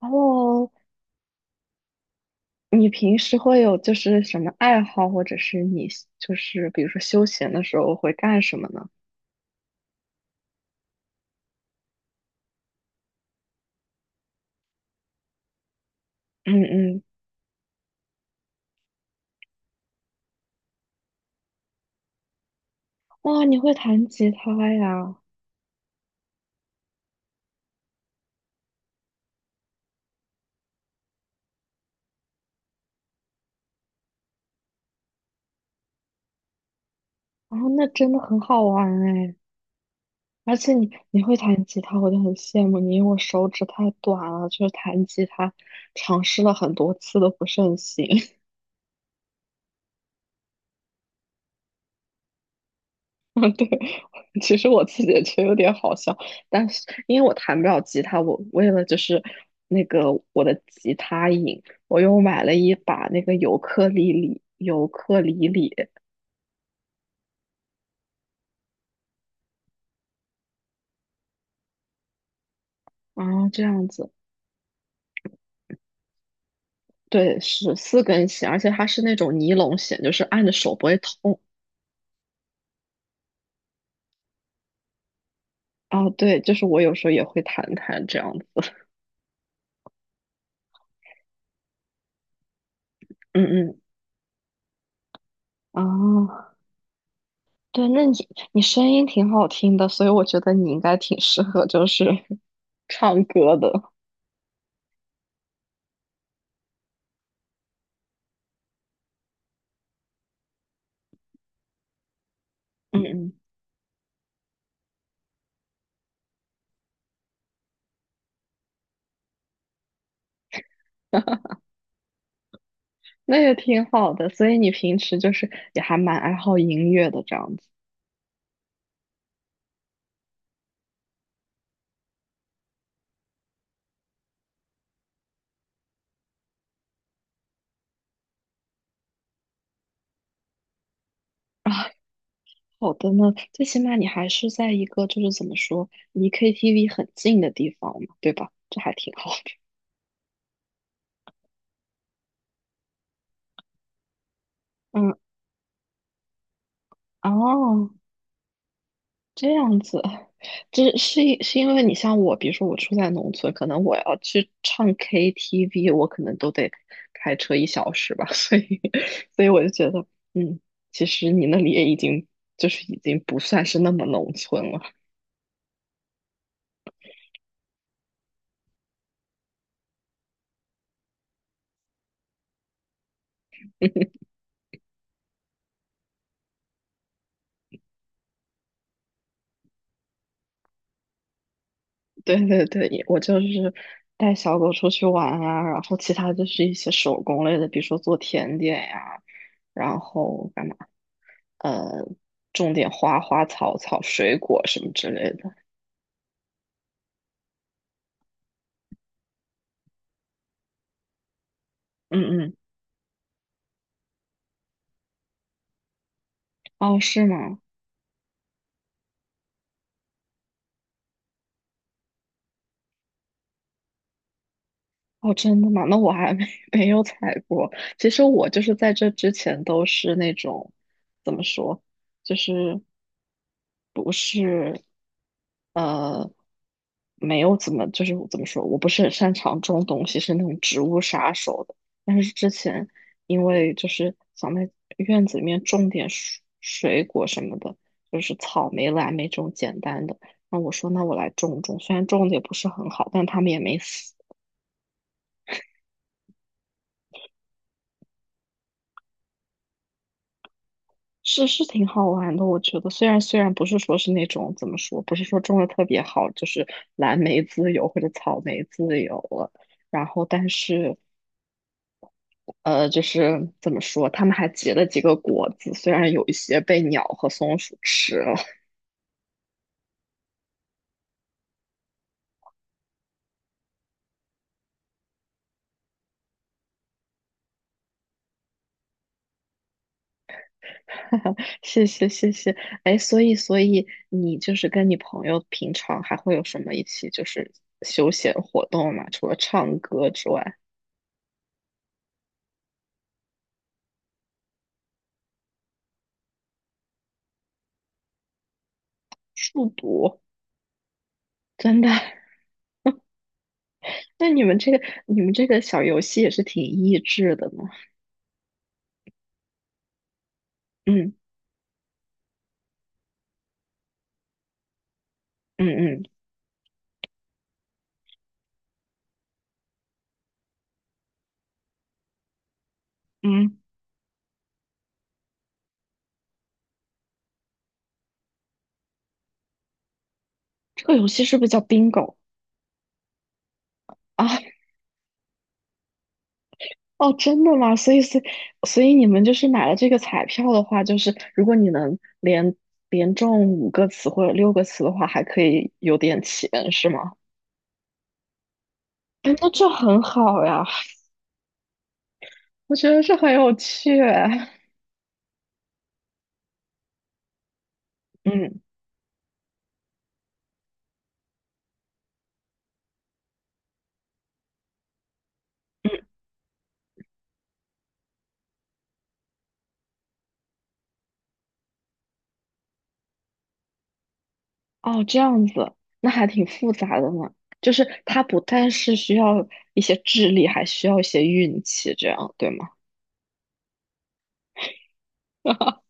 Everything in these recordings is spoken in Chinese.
哦，你平时会有就是什么爱好，或者是你就是比如说休闲的时候会干什么呢？嗯嗯。哇，你会弹吉他呀？然后那真的很好玩哎！而且你会弹吉他，我就很羡慕你，因为我手指太短了，就是弹吉他尝试了很多次都不是很行。对，其实我自己也觉得有点好笑，但是因为我弹不了吉他，我为了就是那个我的吉他瘾，我又买了一把那个尤克里里，啊，这样子。对，是四根弦，而且它是那种尼龙弦，就是按着手不会痛啊。对，就是我有时候也会弹弹这样子。嗯嗯啊。对，那你声音挺好听的，所以我觉得你应该挺适合就是 唱歌的。嗯嗯。那也挺好的，所以你平时就是也还蛮爱好音乐的这样子。 啊。好的呢，最起码你还是在一个就是怎么说离 KTV 很近的地方嘛，对吧？这还挺好的。嗯。哦，这样子。这是因为你像我，比如说我住在农村，可能我要去唱 KTV，我可能都得开车一小时吧。所以我就觉得，嗯，其实你那里也已经就是已经不算是那么农村了。对对对，也我就是带小狗出去玩啊，然后其他就是一些手工类的，比如说做甜点呀、然后干嘛，呃，种点花花草草、水果什么之类的。嗯嗯。哦，是吗？哦，真的吗？那我还没 没有采过。其实我就是在这之前都是那种，怎么说，就是不是。呃，没有怎么，就是怎么说，我不是很擅长种东西，是那种植物杀手的。但是之前因为就是想在院子里面种点水果什么的，就是草莓、蓝莓这种简单的。那我说，那我来种种，虽然种的也不是很好，但他们也没死。是挺好玩的。我觉得虽然不是说是那种怎么说，不是说种的特别好，就是蓝莓自由或者草莓自由了。然后，但是就是怎么说，他们还结了几个果子，虽然有一些被鸟和松鼠吃了。谢谢谢谢。哎，所以你就是跟你朋友平常还会有什么一起就是休闲活动吗？除了唱歌之外，数独。真的？那你们这个小游戏也是挺益智的呢。嗯嗯嗯嗯。这个游戏是不是叫 bingo 啊？哦，真的吗？所以你们就是买了这个彩票的话，就是如果你能连中五个词或者六个词的话，还可以有点钱，是吗？哎，那这很好呀，我觉得这很有趣。嗯嗯。哦，这样子。那还挺复杂的呢。就是它不但是需要一些智力，还需要一些运气，这样对吗？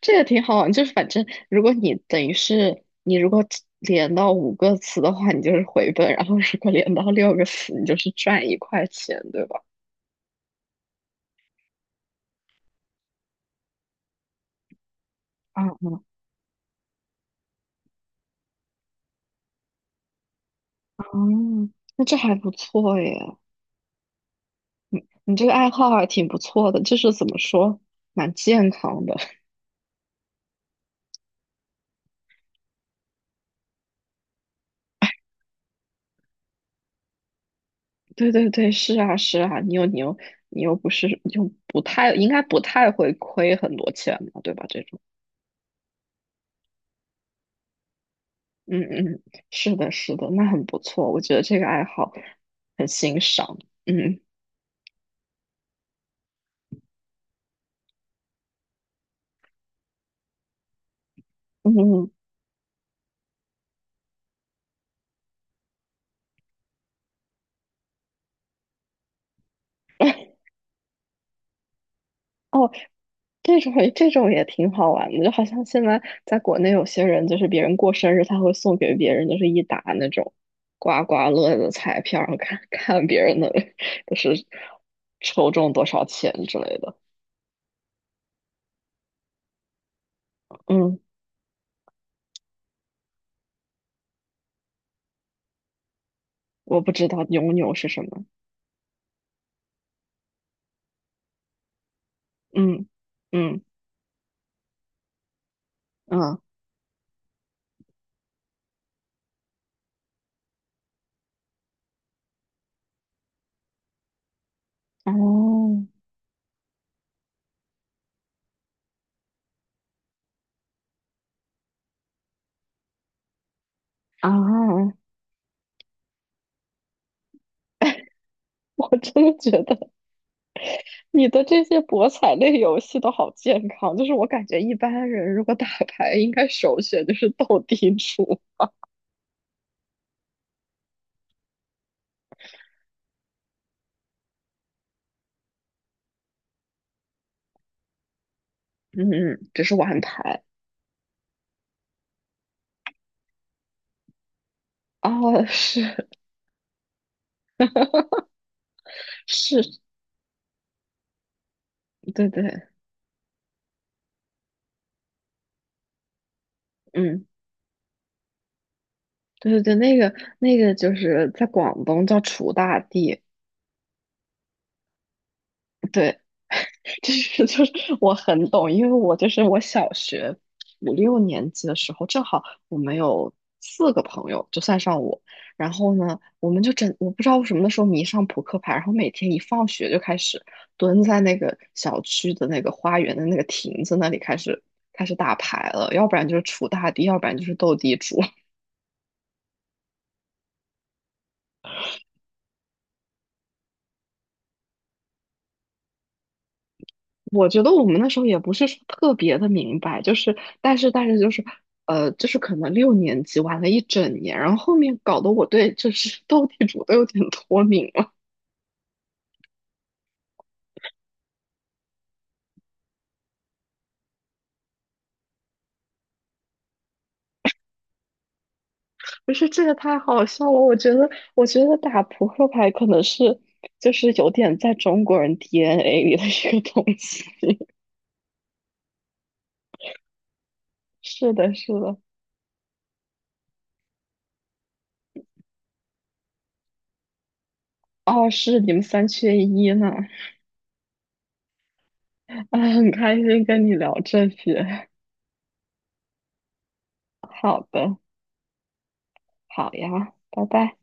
这个挺好玩，就是反正如果你等于是你如果连到五个词的话，你就是回本；然后如果连到六个词，你就是赚一块钱，对吧？啊嗯嗯。那这还不错耶。你这个爱好还挺不错的，就是怎么说，蛮健康的。对对对，是啊是啊，你又不是又不太应该不太会亏很多钱嘛，对吧？这种，嗯嗯。是的是的，那很不错，我觉得这个爱好很欣赏。嗯。嗯，哎。哦，这种也挺好玩的，就好像现在在国内有些人，就是别人过生日，他会送给别人就是一沓那种刮刮乐的彩票，然后看看别人的 就是抽中多少钱之类的。嗯。我不知道牛牛是什么。嗯嗯嗯。哦 啊。我真的觉得。你的这些博彩类游戏都好健康，就是我感觉一般人如果打牌，应该首选就是斗地主。嗯，只是玩牌。哦，是是，对对，嗯，对对对，那个就是在广东叫楚大地。对，就是 就是我很懂，因为我就是我小学五六年级的时候，正好我们有四个朋友，就算上我，然后呢，我们就整，我不知道为什么那时候迷上扑克牌，然后每天一放学就开始蹲在那个小区的那个花园的那个亭子那里开始打牌了，要不然就是锄大地，要不然就是斗地主。我觉得我们那时候也不是说特别的明白，就是但是就是就是可能六年级玩了一整年，然后后面搞得我对就是 斗地主都有点脱敏了。不是，这也太好笑了！我觉得打扑克牌可能是就是有点在中国人 DNA 里的一个东西。是的，是的。哦，是你们三缺一呢。啊，很开心跟你聊这些。好的。好呀，拜拜。